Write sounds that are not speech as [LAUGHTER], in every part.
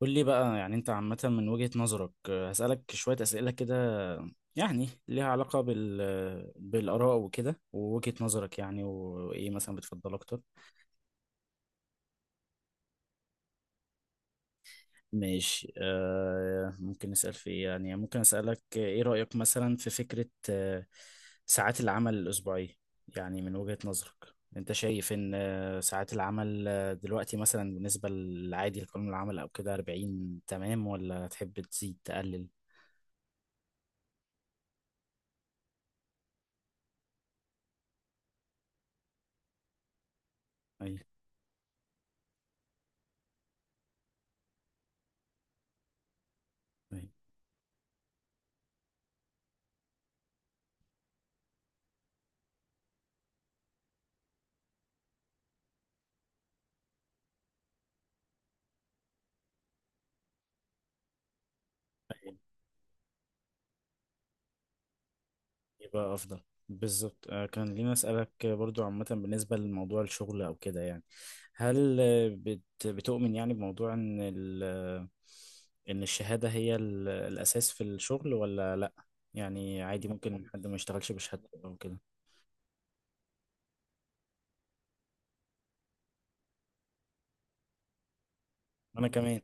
قول لي بقى يعني انت عامة من وجهة نظرك هسألك شوية أسئلة كده يعني ليها علاقة بال بالآراء وكده ووجهة نظرك يعني وإيه مثلا بتفضل أكتر. ماشي آه، ممكن نسأل في إيه يعني ممكن أسألك إيه رأيك مثلا في فكرة ساعات العمل الأسبوعية؟ يعني من وجهة نظرك انت شايف ان ساعات العمل دلوقتي مثلا بالنسبة للعادي لقانون العمل او كده 40 تمام ولا تحب تزيد تقلل؟ اي، يبقى افضل. بالظبط كان لينا اسالك برضو عامه بالنسبه لموضوع الشغل او كده يعني هل بتؤمن يعني بموضوع ان ال آه، ان الشهاده هي الاساس في الشغل ولا لا؟ يعني عادي ممكن حد ما يشتغلش بشهادته او كده. انا كمان.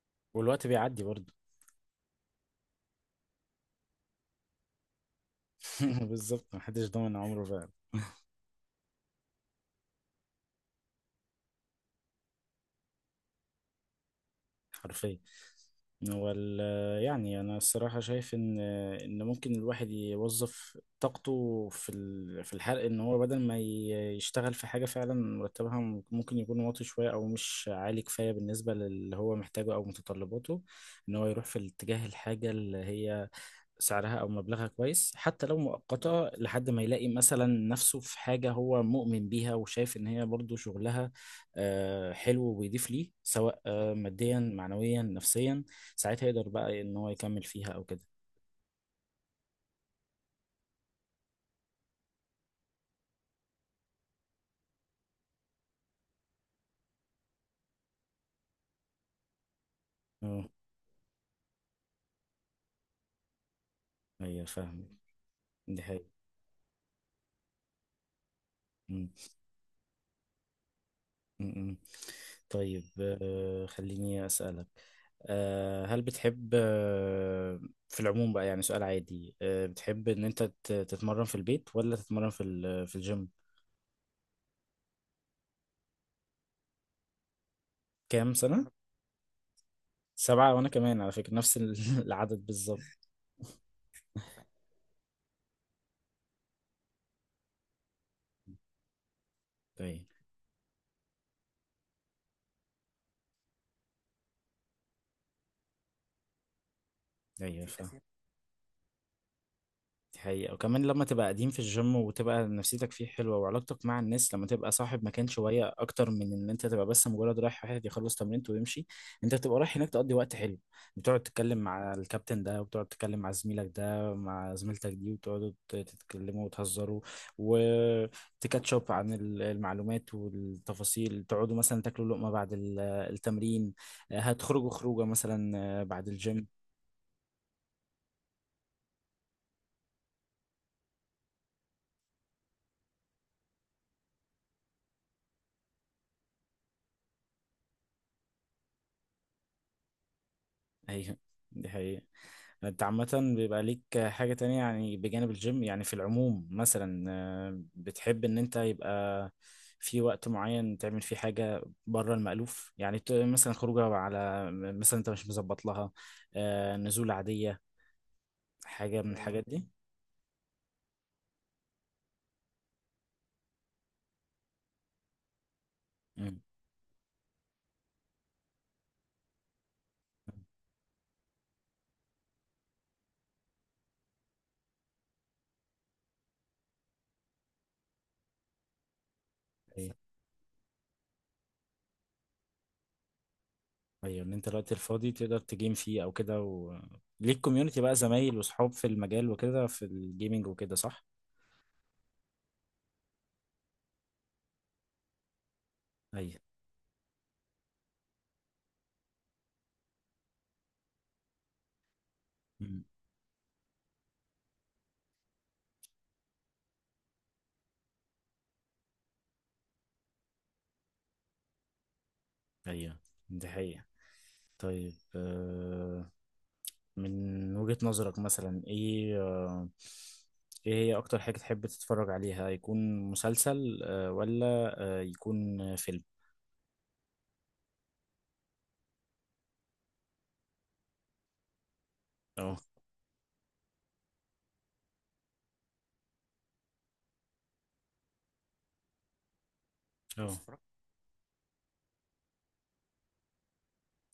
[LAUGHS] والوقت بيعدي برضو. [LAUGHS] بالظبط، محدش ضامن عمره حرفيا. وال يعني انا الصراحه شايف ان ان ممكن الواحد يوظف طاقته في الحرق ان هو بدل ما يشتغل في حاجه فعلا مرتبها ممكن يكون واطي شويه او مش عالي كفايه بالنسبه للي هو محتاجه او متطلباته. ان هو يروح في الاتجاه الحاجه اللي هي سعرها او مبلغها كويس حتى لو مؤقته لحد ما يلاقي مثلا نفسه في حاجه هو مؤمن بيها وشايف ان هي برضو شغلها حلو وبيضيف ليه سواء ماديا معنويا نفسيا. ساعتها يقدر بقى ان هو يكمل فيها او كده. اه. ايوه فاهم. دي حقيقة. مم، مم. طيب خليني اسالك هل بتحب في العموم بقى يعني سؤال عادي بتحب ان انت تتمرن في البيت ولا تتمرن في الجيم؟ كام سنة؟ سبعة، وأنا كمان على فكرة نفس [LAUGHS] العدد بالظبط. أيوة. أيوة فاهم. دي حقيقة، وكمان لما تبقى قديم في الجيم وتبقى نفسيتك فيه حلوة وعلاقتك مع الناس، لما تبقى صاحب مكان شوية أكتر من إن أنت تبقى بس مجرد رايح واحد يخلص تمرينته ويمشي. أنت بتبقى رايح هناك تقضي وقت حلو، بتقعد تتكلم مع الكابتن ده، وبتقعد تتكلم مع زميلك ده، مع زميلتك دي، وتقعدوا تتكلموا وتهزروا وتكاتشب عن المعلومات والتفاصيل، تقعدوا مثلا تاكلوا لقمة بعد التمرين، هتخرجوا خروجة مثلا بعد الجيم. أيوه، دي حقيقة. انت عامة بيبقى ليك حاجة تانية يعني بجانب الجيم، يعني في العموم مثلا بتحب ان انت يبقى في وقت معين تعمل فيه حاجة بره المألوف؟ يعني مثلا خروجة على مثلا انت مش مظبط لها، نزول عادية، حاجة من الحاجات دي. مم. ايوه، ايوه، ان انت الوقت الفاضي تقدر تجيم فيه او كده، و... ليك كوميونتي بقى، زمايل وصحاب في المجال وكده في الجيمينج وكده، صح؟ ايوه. مم. ايوه، دي حقيقة. طيب من وجهة نظرك مثلا ايه ايه هي اكتر حاجة تحب تتفرج عليها؟ يكون مسلسل ولا يكون فيلم؟ اه، اه، بتفرج.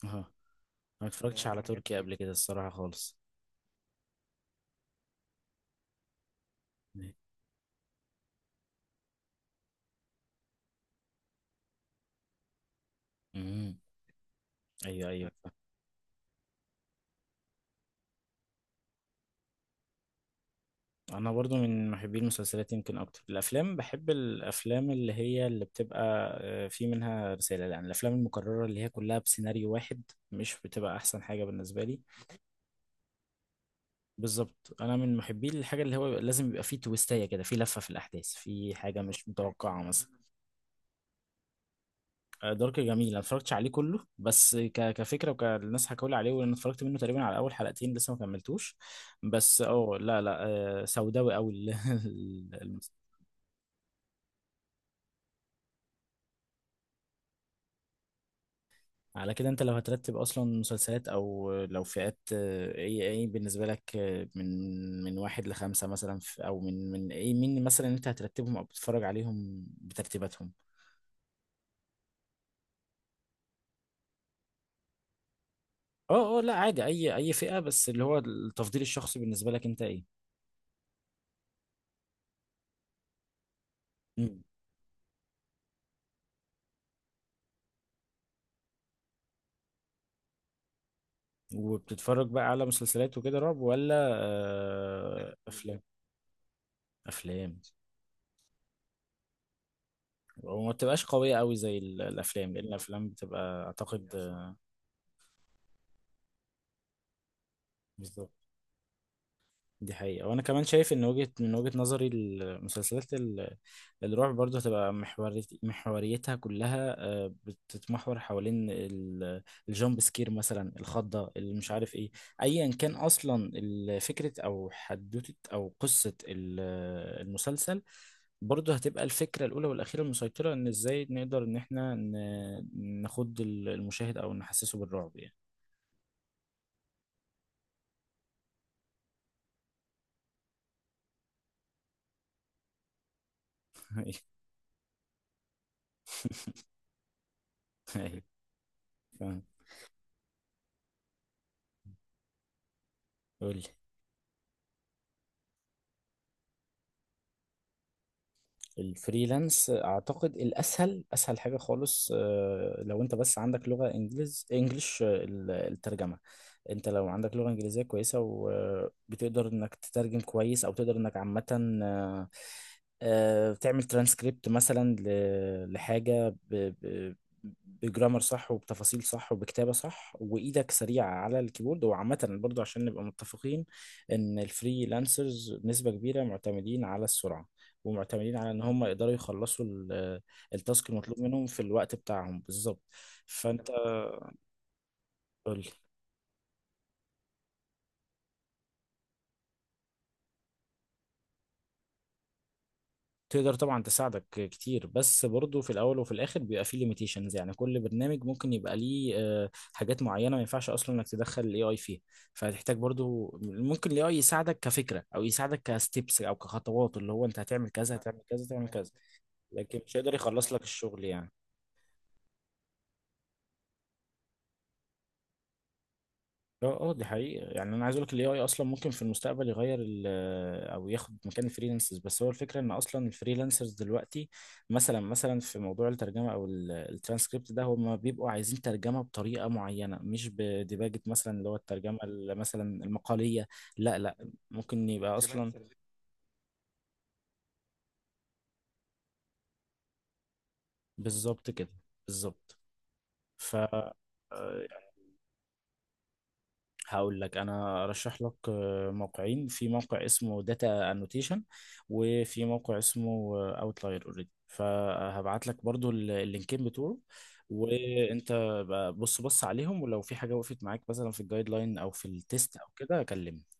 اه، ما اتفرجتش على، بحب تركي قبل الفيلم كده، الصراحة خالص. امم. ايوه، ايوه، انا برضو من محبي المسلسلات. يمكن اكتر، الافلام بحب الافلام اللي هي اللي بتبقى في منها رسالة، يعني الافلام المكررة اللي هي كلها بسيناريو واحد مش بتبقى احسن حاجة بالنسبة لي. بالظبط، انا من محبي الحاجه اللي هو لازم يبقى فيه تويستايه كده، فيه لفه في الاحداث، فيه حاجه مش متوقعه مثلا. دارك جميل، انا اتفرجتش عليه كله بس ك... كفكره وكالناس حكوا لي عليه، وانا اتفرجت منه تقريبا على اول حلقتين، لسه ما كملتوش بس اه، لا لا، سوداوي قوي [LAUGHS] ال- المس- على كده انت لو هترتب اصلا مسلسلات او لو فئات، ايه ايه بالنسبه لك من من واحد لخمسه مثلا او من ايه، مين مثلا انت هترتبهم او بتتفرج عليهم بترتيباتهم؟ اه اه، لا عادي اي اي فئة، بس اللي هو التفضيل الشخصي بالنسبة لك انت ايه؟ مم. وبتتفرج بقى على مسلسلات وكده رعب، ولا افلام؟ افلام، وما بتبقاش قوية قوي زي الافلام، لان الافلام بتبقى اعتقد. بالظبط، دي حقيقة، وأنا كمان شايف إن وجهة من وجهة نظري المسلسلات الرعب برضه هتبقى محوريتها كلها بتتمحور حوالين الجامب سكير مثلا، الخضة، اللي مش عارف إيه. أيا كان أصلا فكرة أو حدوتة أو قصة المسلسل برضه هتبقى الفكرة الأولى والأخيرة المسيطرة إن إزاي نقدر إن إحنا نخض المشاهد أو نحسسه بالرعب يعني. [LAUGHS] أيوه. [LAUGHS] أيوه فاهم. قولي. الفريلانس اعتقد الاسهل، اسهل حاجه خالص لو انت بس عندك لغه انجليش، الترجمه. انت لو عندك لغه انجليزيه كويسه وبتقدر انك تترجم كويس، او تقدر انك عامه آه، تعمل ترانسكريبت مثلا لحاجه ب- بجرامر صح وبتفاصيل صح وبكتابه صح، وايدك سريعه على الكيبورد. وعامه برضو عشان نبقى متفقين ان الفريلانسرز نسبه كبيره معتمدين على السرعه ومعتمدين على ان هم يقدروا يخلصوا التاسك المطلوب منهم في الوقت بتاعهم بالظبط. فانت، قول. تقدر طبعا، تساعدك كتير، بس برضو في الاول وفي الاخر بيبقى فيه ليميتيشنز، يعني كل برنامج ممكن يبقى ليه حاجات معينه ما ينفعش اصلا انك تدخل الاي اي فيها. فهتحتاج برضو، ممكن الاي اي يساعدك كفكره او يساعدك كستبس او كخطوات، اللي هو انت هتعمل كذا، هتعمل كذا، هتعمل كذا، لكن مش هيقدر يخلص لك الشغل يعني. اه اه، دي حقيقة. يعني انا عايز اقول لك الاي اي اصلا ممكن في المستقبل يغير ال آه، او ياخد مكان الفريلانسرز، بس هو الفكرة ان اصلا الفريلانسرز دلوقتي مثلا في موضوع الترجمة او الترانسكريبت ده هم بيبقوا عايزين ترجمة بطريقة معينة مش بديباجة مثلا اللي هو الترجمة مثلا المقالية. لا لا، ممكن يبقى اصلا فريلانسرز. بالظبط كده. بالظبط. ف آه، هقول لك، انا ارشح لك موقعين، في موقع اسمه داتا انوتيشن، وفي موقع اسمه اوتلاير اوريدي، فهبعت لك برضو اللينكين بتوعه. وانت بقى بص عليهم، ولو في حاجة وقفت معاك مثلا في الجايد لاين او في التيست او كده كلمني.